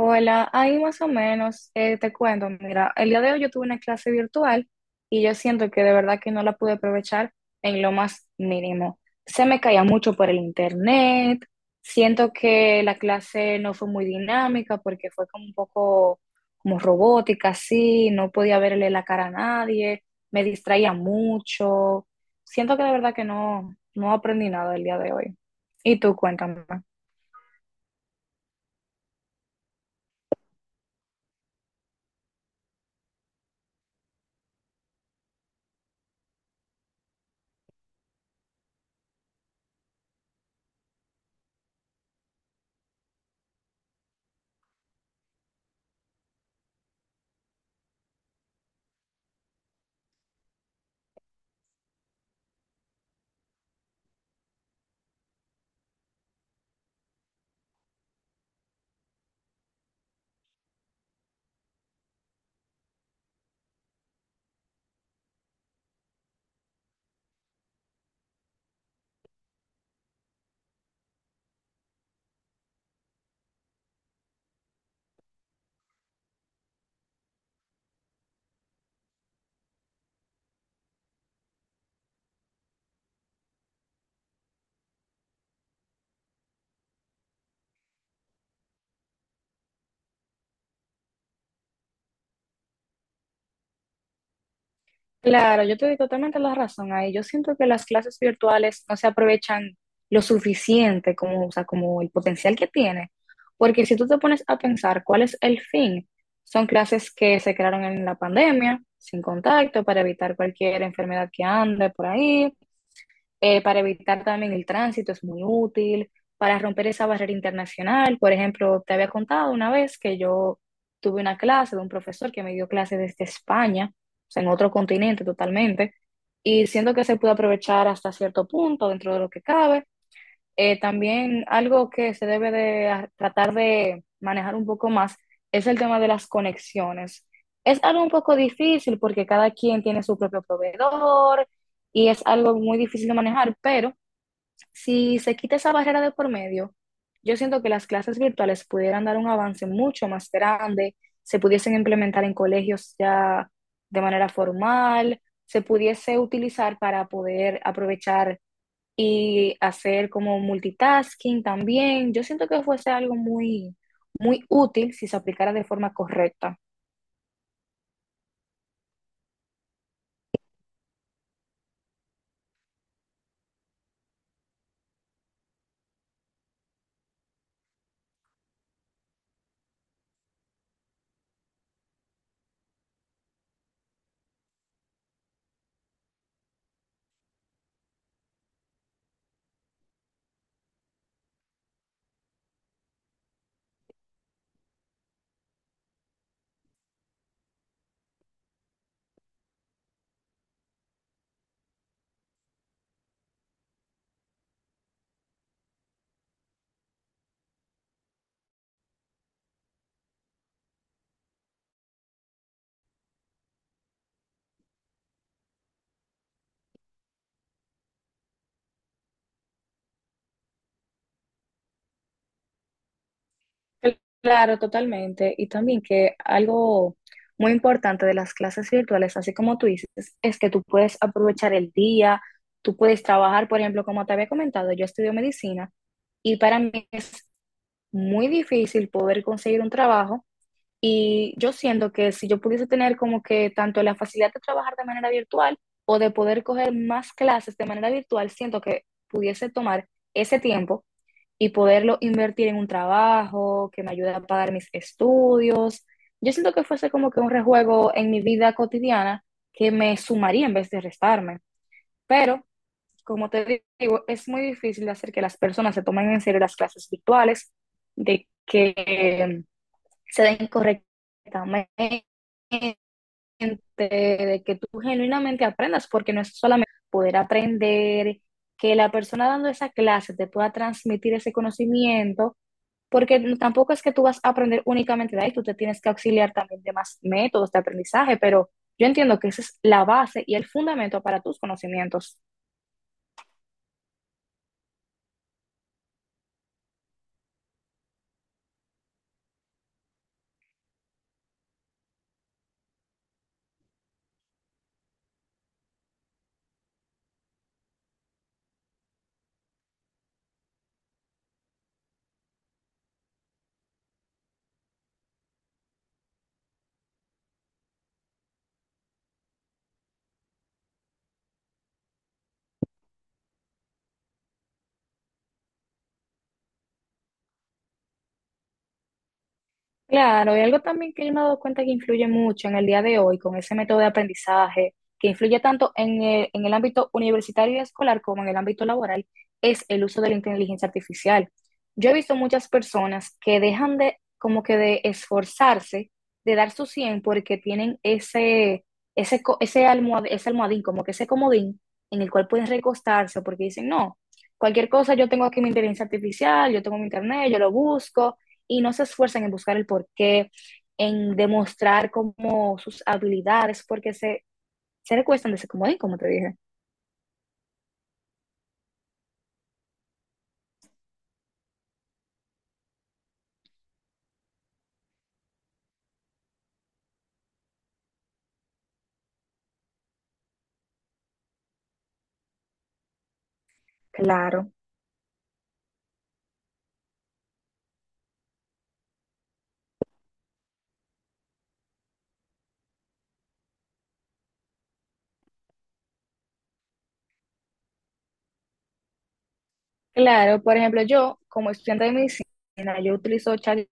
Hola, ahí más o menos, te cuento, mira, el día de hoy yo tuve una clase virtual y yo siento que de verdad que no la pude aprovechar en lo más mínimo. Se me caía mucho por el internet, siento que la clase no fue muy dinámica porque fue como un poco como robótica, así, no podía verle la cara a nadie, me distraía mucho. Siento que de verdad que no, no aprendí nada el día de hoy. Y tú, cuéntame. Claro, yo te doy totalmente la razón ahí. Yo siento que las clases virtuales no se aprovechan lo suficiente como, o sea, como el potencial que tiene. Porque si tú te pones a pensar cuál es el fin, son clases que se crearon en la pandemia, sin contacto, para evitar cualquier enfermedad que ande por ahí, para evitar también el tránsito es muy útil, para romper esa barrera internacional. Por ejemplo, te había contado una vez que yo tuve una clase de un profesor que me dio clase desde España, o sea, en otro continente totalmente, y siento que se puede aprovechar hasta cierto punto dentro de lo que cabe. También algo que se debe de tratar de manejar un poco más es el tema de las conexiones. Es algo un poco difícil porque cada quien tiene su propio proveedor y es algo muy difícil de manejar, pero si se quita esa barrera de por medio, yo siento que las clases virtuales pudieran dar un avance mucho más grande, se pudiesen implementar en colegios ya de manera formal, se pudiese utilizar para poder aprovechar y hacer como multitasking también. Yo siento que fuese algo muy, muy útil si se aplicara de forma correcta. Claro, totalmente. Y también que algo muy importante de las clases virtuales, así como tú dices, es que tú puedes aprovechar el día, tú puedes trabajar, por ejemplo, como te había comentado, yo estudio medicina y para mí es muy difícil poder conseguir un trabajo. Y yo siento que si yo pudiese tener como que tanto la facilidad de trabajar de manera virtual o de poder coger más clases de manera virtual, siento que pudiese tomar ese tiempo y poderlo invertir en un trabajo que me ayude a pagar mis estudios. Yo siento que fuese como que un rejuego en mi vida cotidiana que me sumaría en vez de restarme. Pero, como te digo, es muy difícil de hacer que las personas se tomen en serio las clases virtuales, de que se den correctamente, de que tú genuinamente aprendas, porque no es solamente poder aprender, que la persona dando esa clase te pueda transmitir ese conocimiento, porque tampoco es que tú vas a aprender únicamente de ahí, tú te tienes que auxiliar también de más métodos de aprendizaje, pero yo entiendo que esa es la base y el fundamento para tus conocimientos. Claro, y algo también que yo me he dado cuenta que influye mucho en el día de hoy con ese método de aprendizaje, que influye tanto en el ámbito universitario y escolar como en el ámbito laboral, es el uso de la inteligencia artificial. Yo he visto muchas personas que dejan de, como que de esforzarse, de dar su 100 porque tienen ese almohadín, como que ese comodín en el cual pueden recostarse porque dicen, no, cualquier cosa, yo tengo aquí mi inteligencia artificial, yo tengo mi internet, yo lo busco y no se esfuerzan en buscar el porqué, en demostrar como sus habilidades, porque se recuestan de ese comodín, como te dije. Claro. Claro, por ejemplo, yo como estudiante de medicina, yo utilizo ChatGPT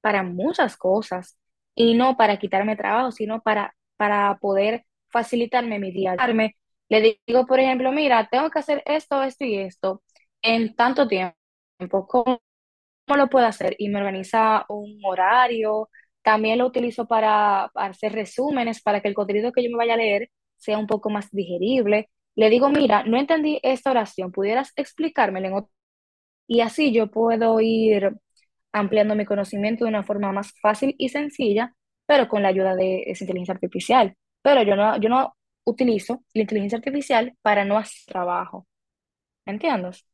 para muchas cosas y no para quitarme trabajo, sino para poder facilitarme mi día. Le digo, por ejemplo, mira, tengo que hacer esto, esto y esto en tanto tiempo. ¿Cómo ¿Cómo lo puedo hacer? Y me organiza un horario. También lo utilizo para hacer resúmenes, para que el contenido que yo me vaya a leer sea un poco más digerible. Le digo, mira, no entendí esta oración, ¿pudieras explicármela en Y así yo puedo ir ampliando mi conocimiento de una forma más fácil y sencilla, pero con la ayuda de esa inteligencia artificial. Pero yo no utilizo la inteligencia artificial para no hacer trabajo. ¿Me entiendes?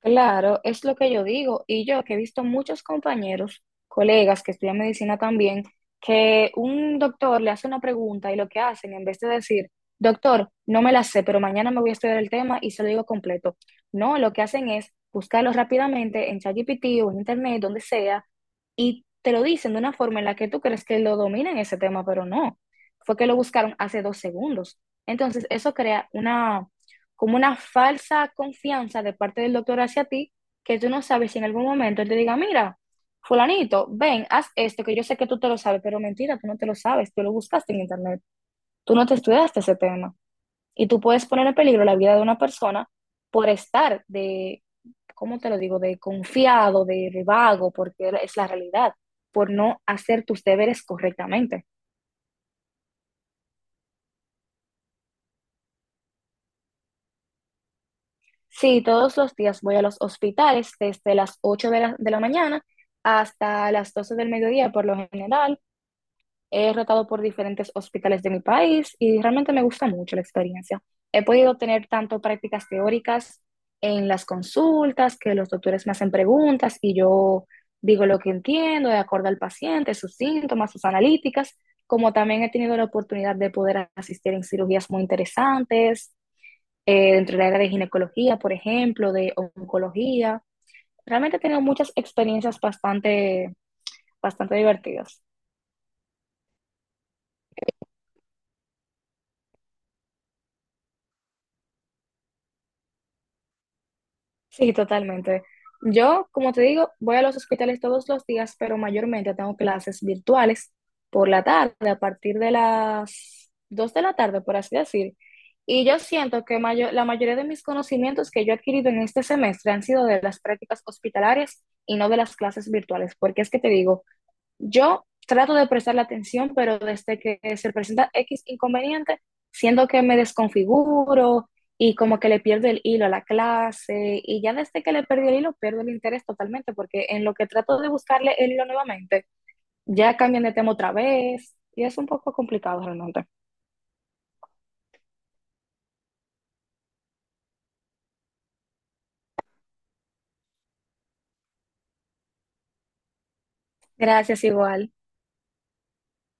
Claro, es lo que yo digo. Y yo que he visto muchos compañeros, colegas que estudian medicina también, que un doctor le hace una pregunta y lo que hacen, en vez de decir, doctor, no me la sé, pero mañana me voy a estudiar el tema y se lo digo completo. No, lo que hacen es buscarlo rápidamente en ChatGPT o en internet, donde sea, y te lo dicen de una forma en la que tú crees que lo dominan ese tema, pero no. Fue que lo buscaron hace 2 segundos. Entonces, eso crea una como una falsa confianza de parte del doctor hacia ti, que tú no sabes si en algún momento él te diga, mira, fulanito, ven, haz esto, que yo sé que tú te lo sabes, pero mentira, tú no te lo sabes, tú lo buscaste en internet, tú no te estudiaste ese tema. Y tú puedes poner en peligro la vida de una persona por estar de, ¿cómo te lo digo?, de confiado, de vago, porque es la realidad, por no hacer tus deberes correctamente. Sí, todos los días voy a los hospitales desde las 8 de la mañana hasta las 12 del mediodía por lo general. He rotado por diferentes hospitales de mi país y realmente me gusta mucho la experiencia. He podido tener tanto prácticas teóricas en las consultas, que los doctores me hacen preguntas y yo digo lo que entiendo de acuerdo al paciente, sus síntomas, sus analíticas, como también he tenido la oportunidad de poder asistir en cirugías muy interesantes dentro del área de ginecología, por ejemplo, de oncología. Realmente he tenido muchas experiencias bastante, bastante divertidas. Sí, totalmente. Yo, como te digo, voy a los hospitales todos los días, pero mayormente tengo clases virtuales por la tarde, a partir de las 2 de la tarde, por así decir. Y yo siento que la mayoría de mis conocimientos que yo he adquirido en este semestre han sido de las prácticas hospitalarias y no de las clases virtuales, porque es que te digo, yo trato de prestarle atención, pero desde que se presenta X inconveniente, siento que me desconfiguro y como que le pierdo el hilo a la clase y ya desde que le perdí el hilo, pierdo el interés totalmente porque en lo que trato de buscarle el hilo nuevamente, ya cambian de tema otra vez y es un poco complicado realmente. Gracias igual.